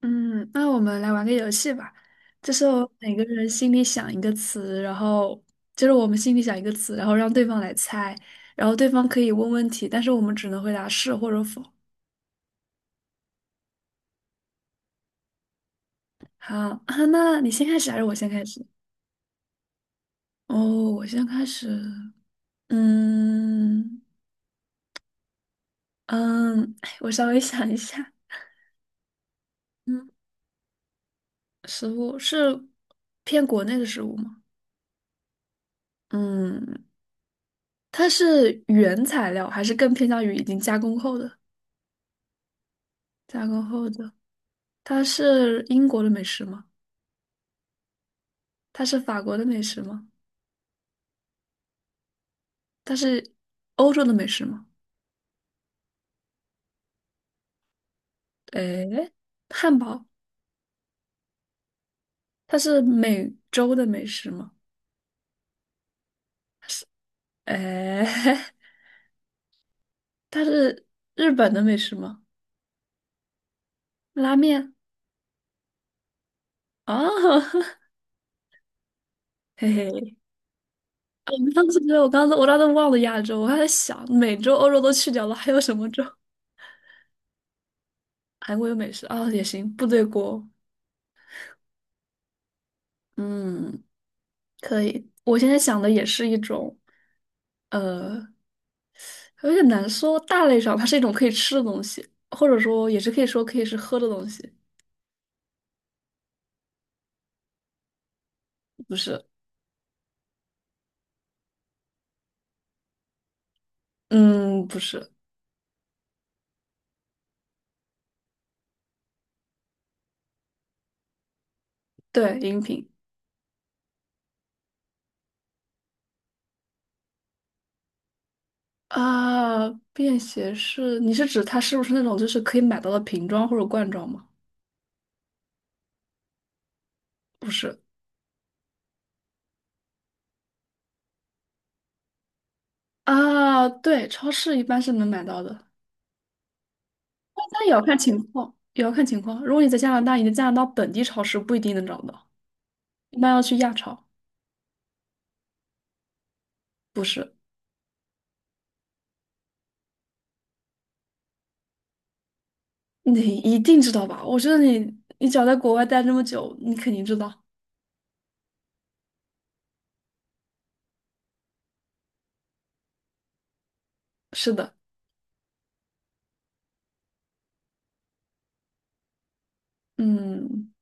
嗯，那我们来玩个游戏吧，就是我们每个人心里想一个词，然后就是我们心里想一个词，然后让对方来猜，然后对方可以问问题，但是我们只能回答是或者否。好，啊，那你先开始还是我先开始？哦，我先开始。嗯嗯，哎我稍微想一下。嗯，食物是偏国内的食物吗？嗯，它是原材料还是更偏向于已经加工后的？加工后的。它是英国的美食吗？它是法国的美食吗？它是欧洲的美食吗？诶，汉堡，它是美洲的美食吗？诶，它是日本的美食吗？拉面啊，嘿嘿，啊我当时觉得我刚才忘了亚洲，我还在想美洲、欧洲都去掉了，还有什么洲？韩国有美食啊，也行，部队锅，嗯，可以。我现在想的也是一种。呃有点难说，大类上它是一种可以吃的东西，或者说也是可以说可以是喝的东西，不是？嗯，不是，对，饮品啊，便携式，你是指它是不是那种就是可以买到的瓶装或者罐装吗？不是啊，对，超市一般是能买到的，但也要看情况，也要看情况。如果你在加拿大，你在加拿大本地超市不一定能找到，一般要去亚超。不是，你一定知道吧？我觉得你，你只要在国外待这么久，你肯定知道。是的。嗯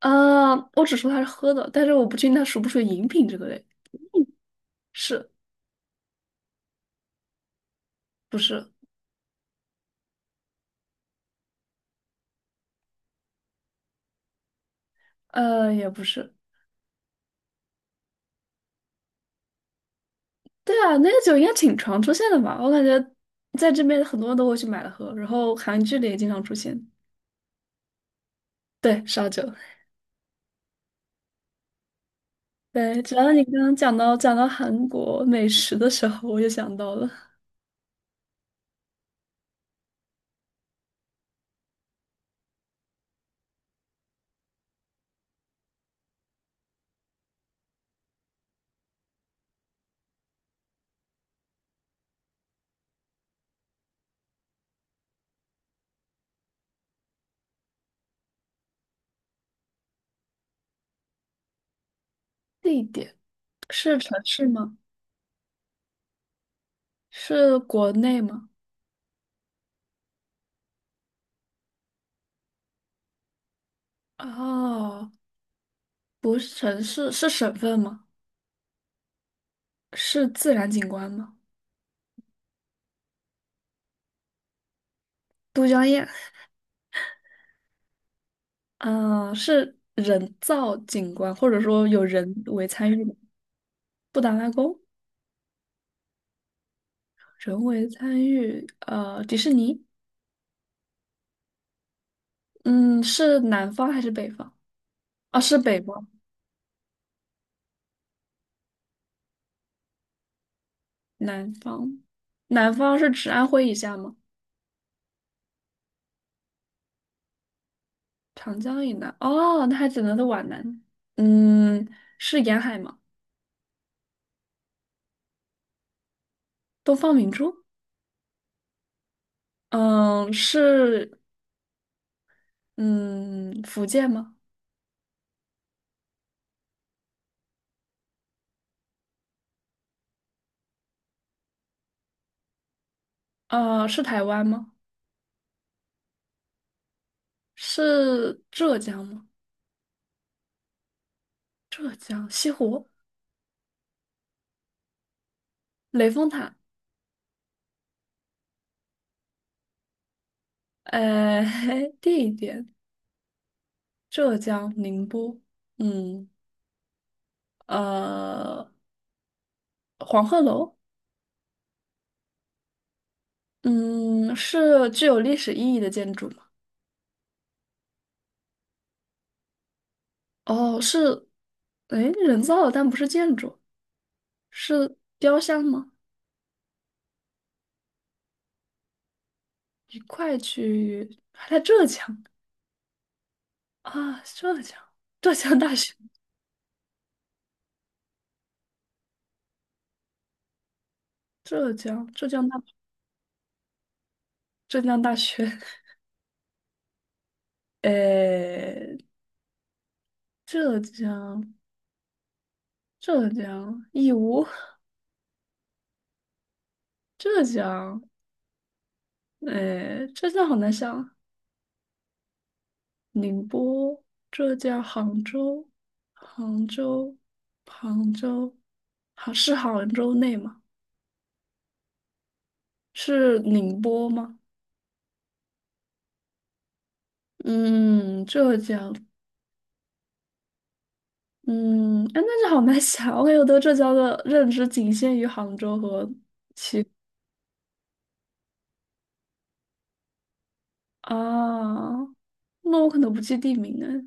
啊，我只说它是喝的，但是我不确定它属不属于饮品这个类，是不是？呃，也不是。对啊，那个酒应该挺常出现的吧？我感觉在这边很多人都会去买了喝，然后韩剧里也经常出现。对，烧酒。对，只要你刚刚讲到韩国美食的时候，我就想到了地点是城市吗？是国内吗？哦，不是城市，是省份吗？是自然景观吗？都江堰。啊，是人造景观，或者说有人为参与吗？布达拉宫，人为参与，迪士尼，嗯，是南方还是北方？啊，是北方，南方，南方是指安徽以下吗？长江以南，哦，那还只能是皖南，嗯，是沿海吗？东方明珠，嗯，是，嗯，福建吗？呃，是台湾吗？是浙江吗？浙江西湖。雷峰塔，呃，地点浙江宁波，嗯，呃，黄鹤楼，嗯，是具有历史意义的建筑吗？哦，是，哎，人造的，但不是建筑，是雕像吗？一块去，还在浙江啊，浙江，浙江大学，浙江，浙江大，浙江大学，呃，浙江，浙江，义乌，浙江。哎，浙江好难想。宁波、浙江、杭州、杭州，杭是杭州内吗？是宁波吗？嗯，浙江，嗯，哎，那就好难想。我感觉我对浙江的认知仅限于杭州和啊，那我可能不记地名哎。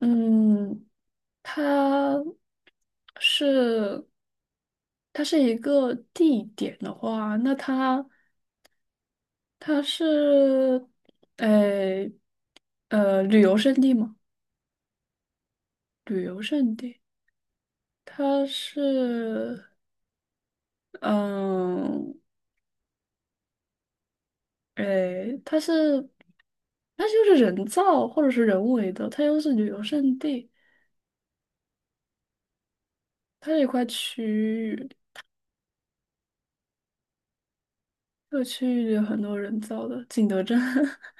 嗯，它是它是一个地点的话，那它它是，呃，旅游胜地吗？旅游胜地，它是，嗯，诶，它是，它就是人造或者是人为的，它又是旅游胜地，它是一块区域，这个区域有很多人造的，景德镇，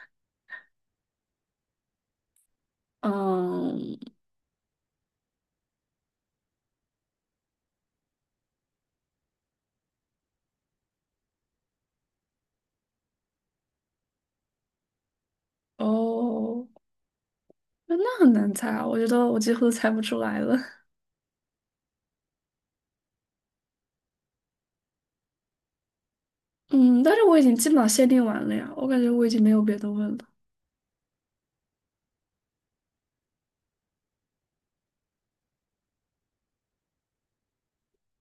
嗯，哦，那那很难猜啊，我觉得我几乎都猜不出来了，嗯，但是我已经基本上限定完了呀，我感觉我已经没有别的问了。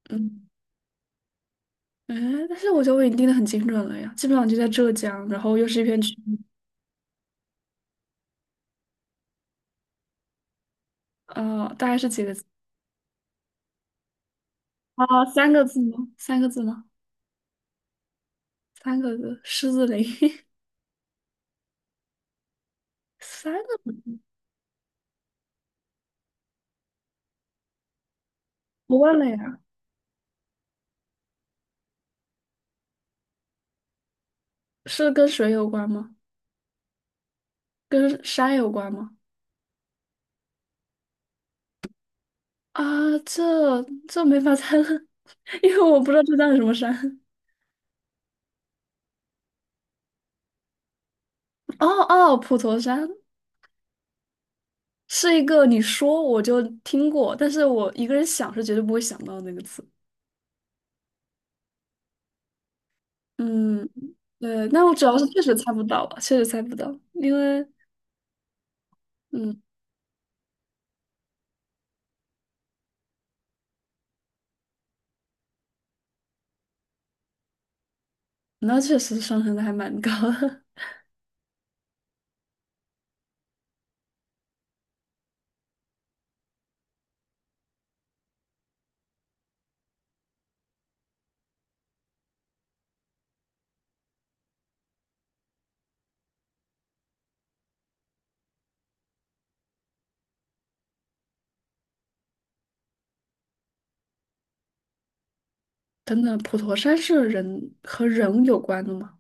嗯。哎，但是我觉得我已经定的很精准了呀，基本上就在浙江，然后又是一片区域，啊，大概是几个字？啊，三个字吗?三个字，狮子林，三个字我忘了呀，是跟水有关吗？跟山有关吗？啊，这这没法猜了，因为我不知道浙江有什么山。哦哦，普陀山是一个你说我就听过，但是我一个人想是绝对不会想到的那个词。嗯，对，那我主要是确实猜不到，因为嗯，那确实上升的还蛮高的。等等，普陀山是人和人有关的吗？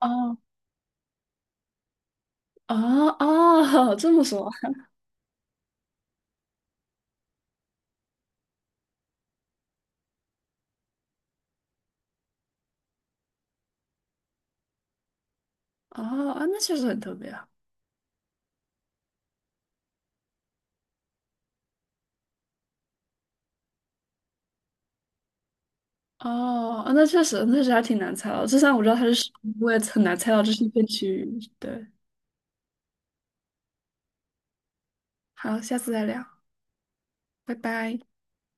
哦哦哦，这么说哦啊，那确实很特别啊。哦，啊那确实，那确实还挺难猜到。就算我知道它是什么我也很难猜到这是一片区域。对，好，下次再聊，拜拜。